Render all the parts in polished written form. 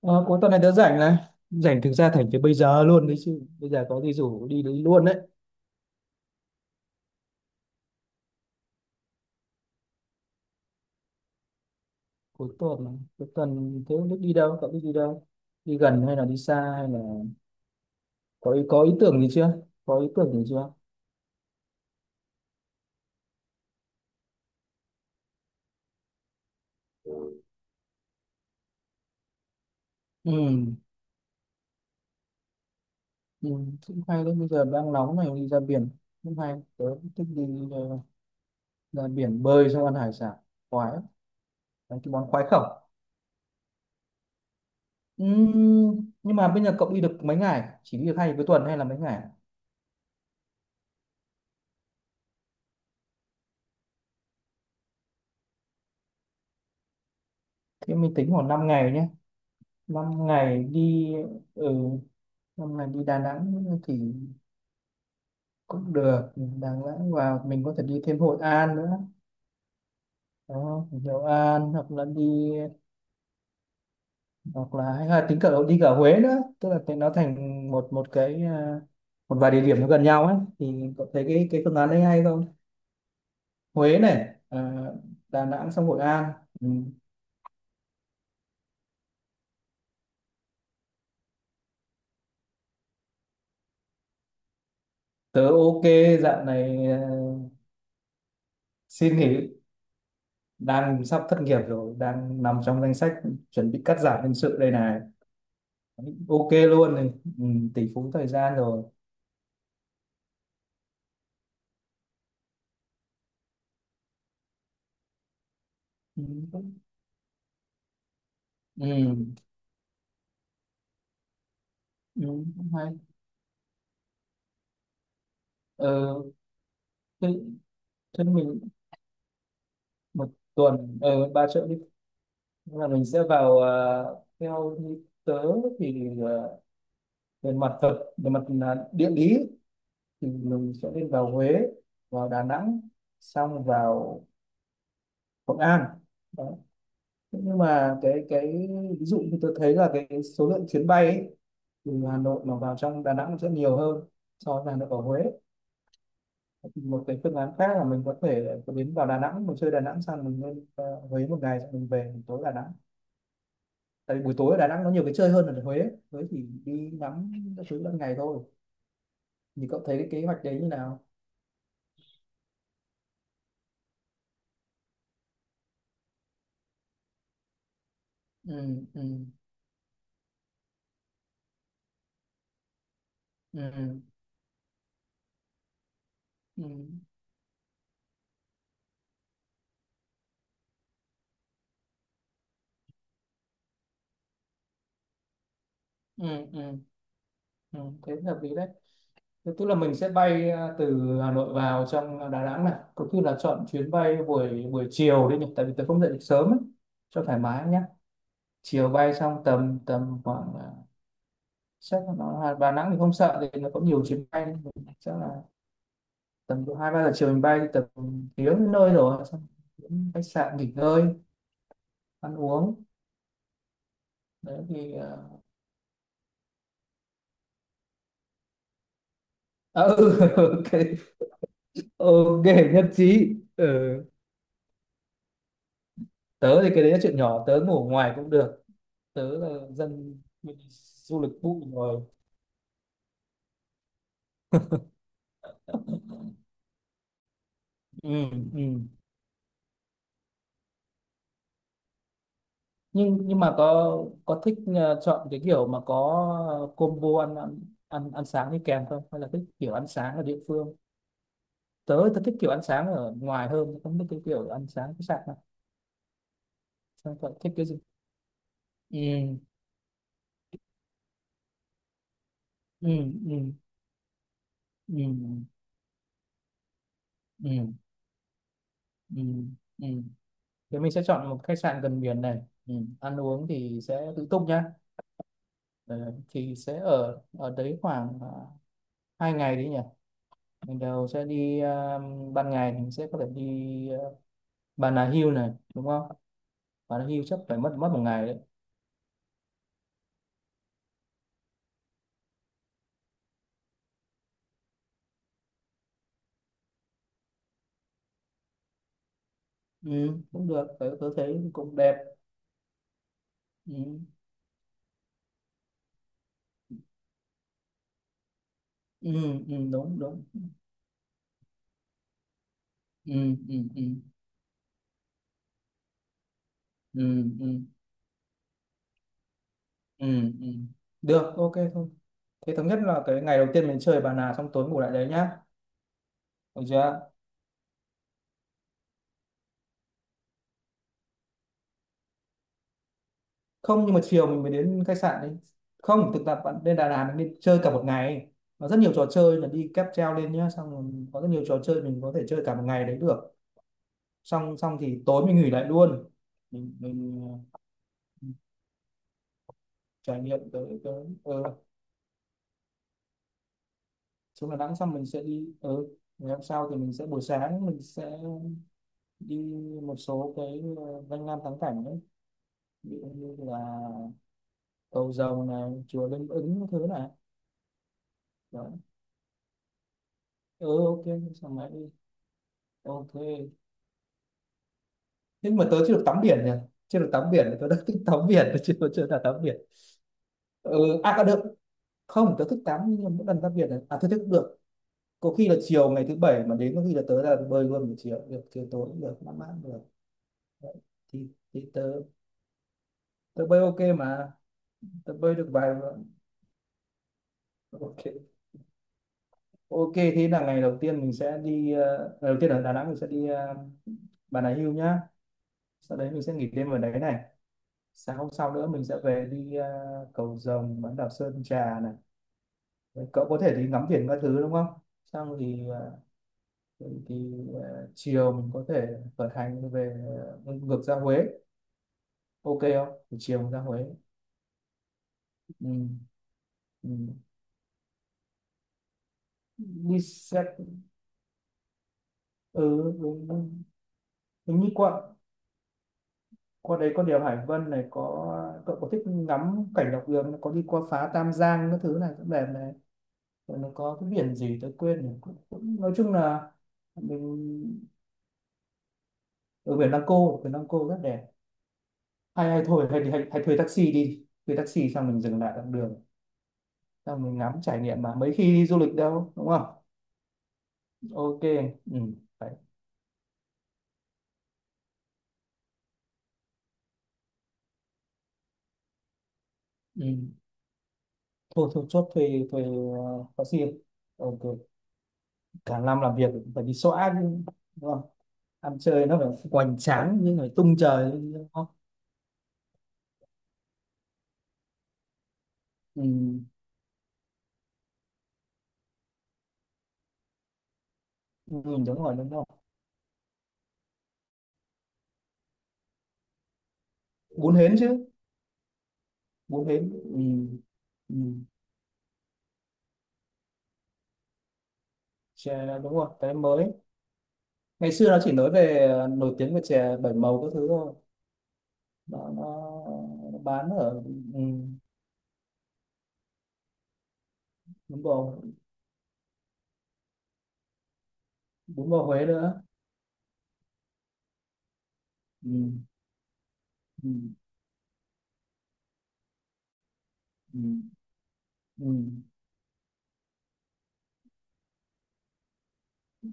Ờ, có tuần này tớ rảnh này, rảnh thực ra thành từ bây giờ luôn đấy chứ. Bây giờ có gì rủ đi đấy luôn đấy. Cuối tuần này, cuối tuần thế không biết đi đâu? Cậu biết đi đâu? Đi gần hay là đi xa hay là có ý tưởng gì chưa? Có ý tưởng gì chưa? Ừ, ừ, cũng hay đấy. Bây giờ đang nóng này, đi ra biển cũng hay. Tớ cũng thích đi ờ, ra biển bơi xong ăn hải sản khoái lắm. Đấy, cái món khoái khẩu. Ừ, nhưng mà bây giờ cậu đi được mấy ngày? Chỉ đi được hai cuối tuần hay là mấy ngày? Thế mình tính khoảng 5 ngày nhé. 5 ngày đi. Ừ, 5 ngày đi Đà Nẵng thì cũng được. Đà Nẵng và mình có thể đi thêm Hội An nữa. Đó, Hội An hoặc là đi, hoặc là hay là tính cả đi cả Huế nữa. Tức là thì nó thành một một cái một vài địa điểm nó gần nhau ấy. Thì cậu thấy cái phương án đấy hay không? Huế này à? Đà Nẵng xong Hội An. Ừ. Tớ ok. Dạo này xin nghỉ. Đang sắp thất nghiệp rồi, đang nằm trong danh sách chuẩn bị cắt giảm nhân sự đây này. Ok luôn này. Ừ, tỷ phú thời gian rồi. Ừ, cũng- ừ, ừ, cũng hay. ờ, thế, thế mình một tuần, 3 triệu đi. Nhưng mà mình sẽ vào, theo như tớ thì, về mặt vật, về mặt là địa lý thì mình sẽ lên vào Huế, vào Đà Nẵng, xong vào Hội An đó. Thế nhưng mà cái ví dụ như tôi thấy là cái số lượng chuyến bay ấy, từ Hà Nội mà vào trong Đà Nẵng sẽ nhiều hơn so với Hà Nội ở Huế. Một cái phương án khác là mình có thể có đến vào Đà Nẵng, mình chơi Đà Nẵng xong mình lên Huế một ngày, xong mình về buổi tối Đà Nẵng. Tại vì buổi tối ở Đà Nẵng nó nhiều cái chơi hơn là ở Huế. Huế thì đi ngắm các thứ ban ngày thôi. Thì cậu thấy cái kế hoạch đấy như nào? Ừ, ừ, ừ, ừ, ừ, ừ, ừ, thế là hợp lý đấy. Thế tức là mình sẽ bay từ Hà Nội vào trong Đà Nẵng này, có khi là chọn chuyến bay buổi buổi chiều đi nhỉ, tại vì tớ không dậy được sớm ấy, cho thoải mái nhá. Chiều bay xong tầm, tầm khoảng chắc là nó là Đà Nẵng thì không sợ, thì nó có nhiều chuyến bay. Chắc là tầm độ hai ba giờ chiều mình bay thì tầm tiếng đến nơi rồi. Xong đến khách sạn nghỉ ngơi, ăn uống đấy thì ờ. À, ừ, ok. Ok, nhất trí. Ừ. Tớ thì cái đấy là chuyện nhỏ, tớ ngủ ngoài cũng được. Tớ là dân mình đi du lịch bụi rồi. Ừ, ừ. Nhưng mà có thích chọn cái kiểu mà có combo ăn sáng đi kèm không, hay là thích kiểu ăn sáng ở địa phương? Tớ tớ thích kiểu ăn sáng ở ngoài hơn, không thích cái kiểu ăn sáng khách sạn đâu. Sao cậu thích cái gì? Ừ, ừ, ừ, ừ, ừ, ừ, ừ, thì mình sẽ chọn một khách sạn gần biển này. Ừ. Ăn uống thì sẽ tự túc nhá. Ờ, thì sẽ ở ở đấy khoảng 2 ngày đấy nhỉ. Mình đầu sẽ đi, ban ngày thì mình sẽ có thể đi, Bà Nà Hills này đúng không? Bà Nà Hills chắc phải mất mất một ngày đấy. Ừ, cũng được. Tớ thấy cũng đẹp. Ừ, ừ, ừ, đúng đúng. Ừ, ừ, ừ, ừ, ừ, ừ, ừ. Được, ok thôi. Thế thống nhất là cái ngày đầu tiên mình chơi Bà Nà, xong tối ngủ lại đấy nhá. Được chưa? Không, nhưng mà chiều mình mới đến khách sạn đi. Không, thực tập bạn lên Đà Lạt mình đi chơi cả một ngày. Nó rất nhiều trò chơi, là đi cáp treo lên nhá. Xong rồi có rất nhiều trò chơi, mình có thể chơi cả một ngày đấy được. Xong xong thì tối mình nghỉ lại luôn. Mình ờ, trải nghiệm tới tới xuống Đà Nẵng xong mình sẽ đi. Ừ. Ngày hôm sau thì mình sẽ buổi sáng mình sẽ đi một số cái danh lam thắng cảnh, ví dụ như là cầu dầu này, chùa Linh Ứng, cái thứ này đó. Ừ, ok. Sao mà đi. Ok. Nhưng mà tớ chưa được tắm biển nhỉ. Chưa được tắm biển, tớ đã thích tắm biển, tớ chưa chưa đã tắm biển. Ừ, à có được không. Tớ thích tắm, nhưng mà mỗi lần tắm biển là à, tớ thích được có khi là chiều ngày thứ bảy mà đến, có khi là tớ ra bơi luôn. Buổi chiều được, chiều tối cũng được, mát mát cũng được. Đấy. thì thì tớ tớ bơi ok mà. Tớ bơi được vài lần. Ok. Ok, thế là ngày đầu tiên mình sẽ đi, ngày đầu tiên ở Đà Nẵng mình sẽ đi Bà Nà Hills nhá. Sau đấy mình sẽ nghỉ đêm ở đấy này. Sáng hôm sau nữa mình sẽ về đi Cầu Rồng, bán đảo Sơn Trà này. Rồi cậu có thể đi ngắm biển các thứ đúng không? Xong thì ờ, thì ờ, chiều mình có thể khởi hành về, ngược ra Huế. Ok không? Thì chiều mình ra Huế. Ừ. Ừ. Đi xe. Ừ, đúng. Hình như quận qua đấy có đèo Hải Vân này. Có cậu có thích ngắm cảnh dọc đường? Có đi qua phá Tam Giang các thứ này, cũng đẹp này. Rồi nó có cái biển gì tôi quên rồi, cũng, cũng, nói chung là mình ở biển Lăng Cô, biển Lăng Cô rất đẹp. Hay, hay thôi, hay thuê taxi đi, thuê taxi xong mình dừng lại dọc đường, xong mình ngắm trải nghiệm. Mà mấy khi đi du lịch đâu, đúng không? Ok. Ừ. Đấy. Ừ. Thôi thôi chốt thuê, thuê taxi. Ok. Cả năm làm việc phải đi xóa chứ, đúng không? Ăn chơi nó phải hoành tráng nhưng phải tung trời lên, đúng không? Ừ. Ừ, đúng rồi, đúng rồi. Bún hến chứ. Bún hến, ừ. Ừ. Chè đúng rồi, cái mới ngày xưa nó chỉ nói về nổi tiếng về chè 7 màu các thứ thôi. Nó nó bán ở. Ừ. Bún bò. Bún bò Huế nữa. Ừ. Ừ. Ừ. Ừ.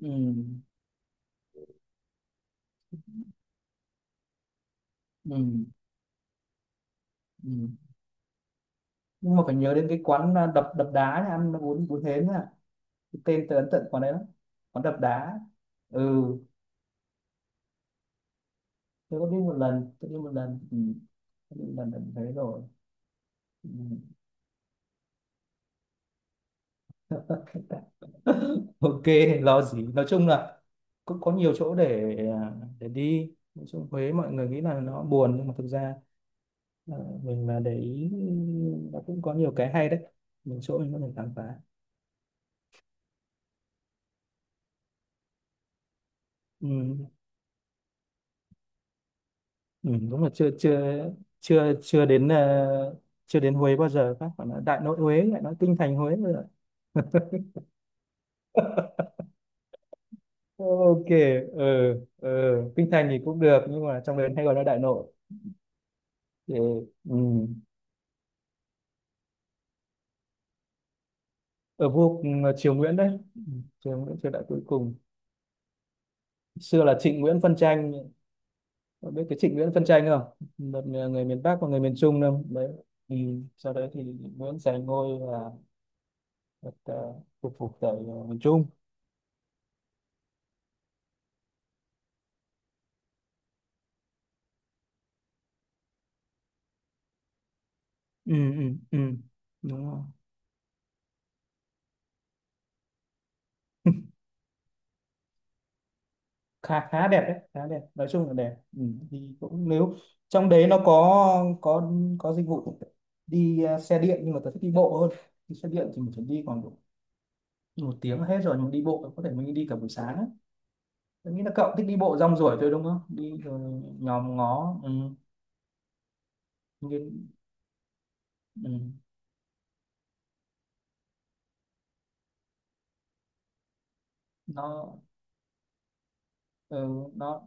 Ừ. Ừ. Ừ. Nhưng mà phải nhớ đến cái quán, đập đập đá nha, ăn bún bún hến à. Cái tên tớ ấn tượng quán đấy lắm. Quán đập đá. Ừ. Tôi có đi một lần. Tôi đi một lần. Ừ. Tôi biết một lần, lần thấy rồi. Ừ. Ok, lo gì. Nói chung là cũng có nhiều chỗ để, để đi. Nói chung Huế mọi người nghĩ là nó buồn, nhưng mà thực ra, à, mình mà để ý, nó cũng có nhiều cái hay đấy, nhiều chỗ mình có thể khám phá. Ừ. Ừ, đúng là chưa chưa chưa chưa đến, chưa đến Huế bao giờ. Các bạn nói Đại Nội Huế lại nói kinh thành Huế. Ok. Ừ, ừ. Kinh Thành thì cũng được, nhưng mà trong đấy hay gọi là Đại Nội thì. Ừ. Ở vua Triều Nguyễn đấy. Ừ, Triều Nguyễn, triều đại cuối cùng. Xưa là Trịnh Nguyễn phân tranh. Cậu biết cái Trịnh Nguyễn phân tranh không? Một người miền Bắc và người miền Trung đâu đấy. Ừ. Sau đấy thì Nguyễn giành ngôi và, phục phục tại miền Trung. Ừ, ừ, ừ. Đúng rồi. khá khá đẹp đấy, khá đẹp, nói chung là đẹp. Ừ, đi cũng nếu trong đấy nó có có dịch vụ đi xe điện, nhưng mà tôi thích đi bộ hơn. Đi xe điện thì mình phải đi còn độ một tiếng là hết rồi, nhưng mà đi bộ có thể mình đi cả buổi sáng ấy. Tôi nghĩ là cậu thích đi bộ rong ruổi thôi, đúng không đi rồi. Nhòm ngó. Ừ. Nhưng- ừ. Nó ừ, nó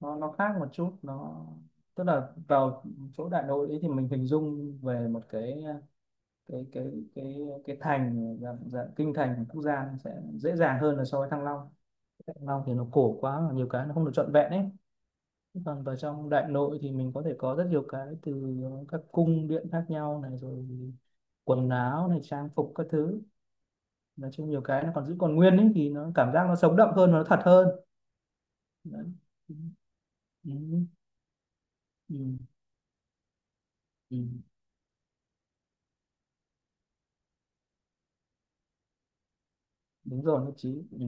nó nó khác một chút. Nó tức là vào chỗ Đại Nội ấy thì mình hình dung về một cái cái cái cái cái thành dạng, dạng kinh thành của Quốc Gia sẽ dễ dàng hơn là so với Thăng Long. Thăng Long thì nó cổ quá, nhiều cái nó không được trọn vẹn ấy. Còn vào trong Đại Nội thì mình có thể có rất nhiều cái, từ các cung điện khác nhau này, rồi quần áo này, trang phục các thứ. Nói chung nhiều cái nó còn giữ còn nguyên ấy, thì nó cảm giác nó sống động hơn và nó thật hơn. Đấy. Ừ. Ừ. Ừ. Ừ. Đúng rồi, nước chí, ừ.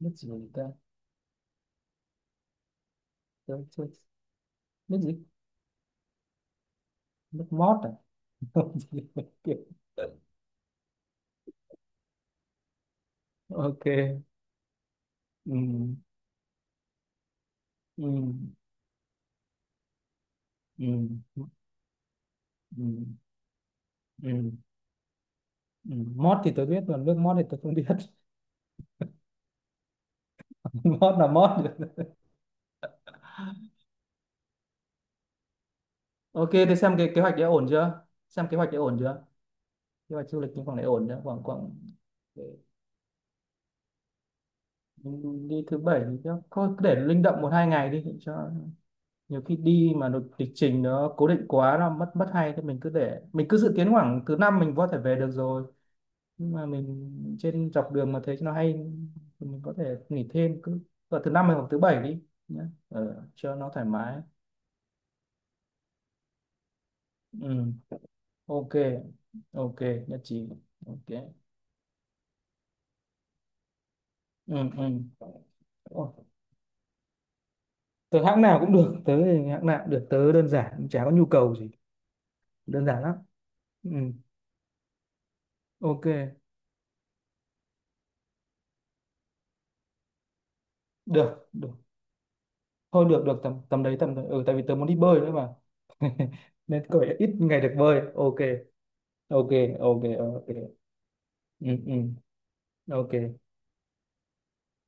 Nước gì người ta. Tôi- tôi- nước gì. Nước mót à. Ok. Ừm, ừm, ừm, ừm, ừm, Mót thì tôi biết, còn nước mót thì tôi không biết. Mót là mót. Ok, thế xem cái kế hoạch đấy ổn chưa. Xem kế hoạch đấy ổn chưa. Kế hoạch du lịch nhưng khoảng đấy ổn chưa, khoảng khoảng. Mình đi thứ bảy thì chắc- thôi cứ để linh động 1 2 ngày đi để cho, nhiều khi đi mà lịch lịch trình nó cố định quá nó mất mất hay thì mình cứ để, mình cứ dự kiến khoảng thứ năm mình có thể về được rồi, nhưng mà mình trên dọc đường mà thấy nó hay thì mình có thể nghỉ thêm, cứ vào thứ năm hoặc thứ bảy đi nhé. Ờ, cho nó thoải mái. Ừ. Ok, ok, nhất trí. Ok. Ừ, ừ. Ồ, tớ hãng nào cũng được. Tớ thì hãng nào cũng được, tớ đơn giản, chả có nhu cầu gì. Đơn giản lắm. Ừ. Ok. Được, được thôi, được, được tầm tầm đấy, tầm đấy. Ừ, tại vì tớ muốn đi bơi nữa mà. Nên cởi ít ngày được bơi, ok. Ok. Ok, ok. Ừ, ừ. Ok.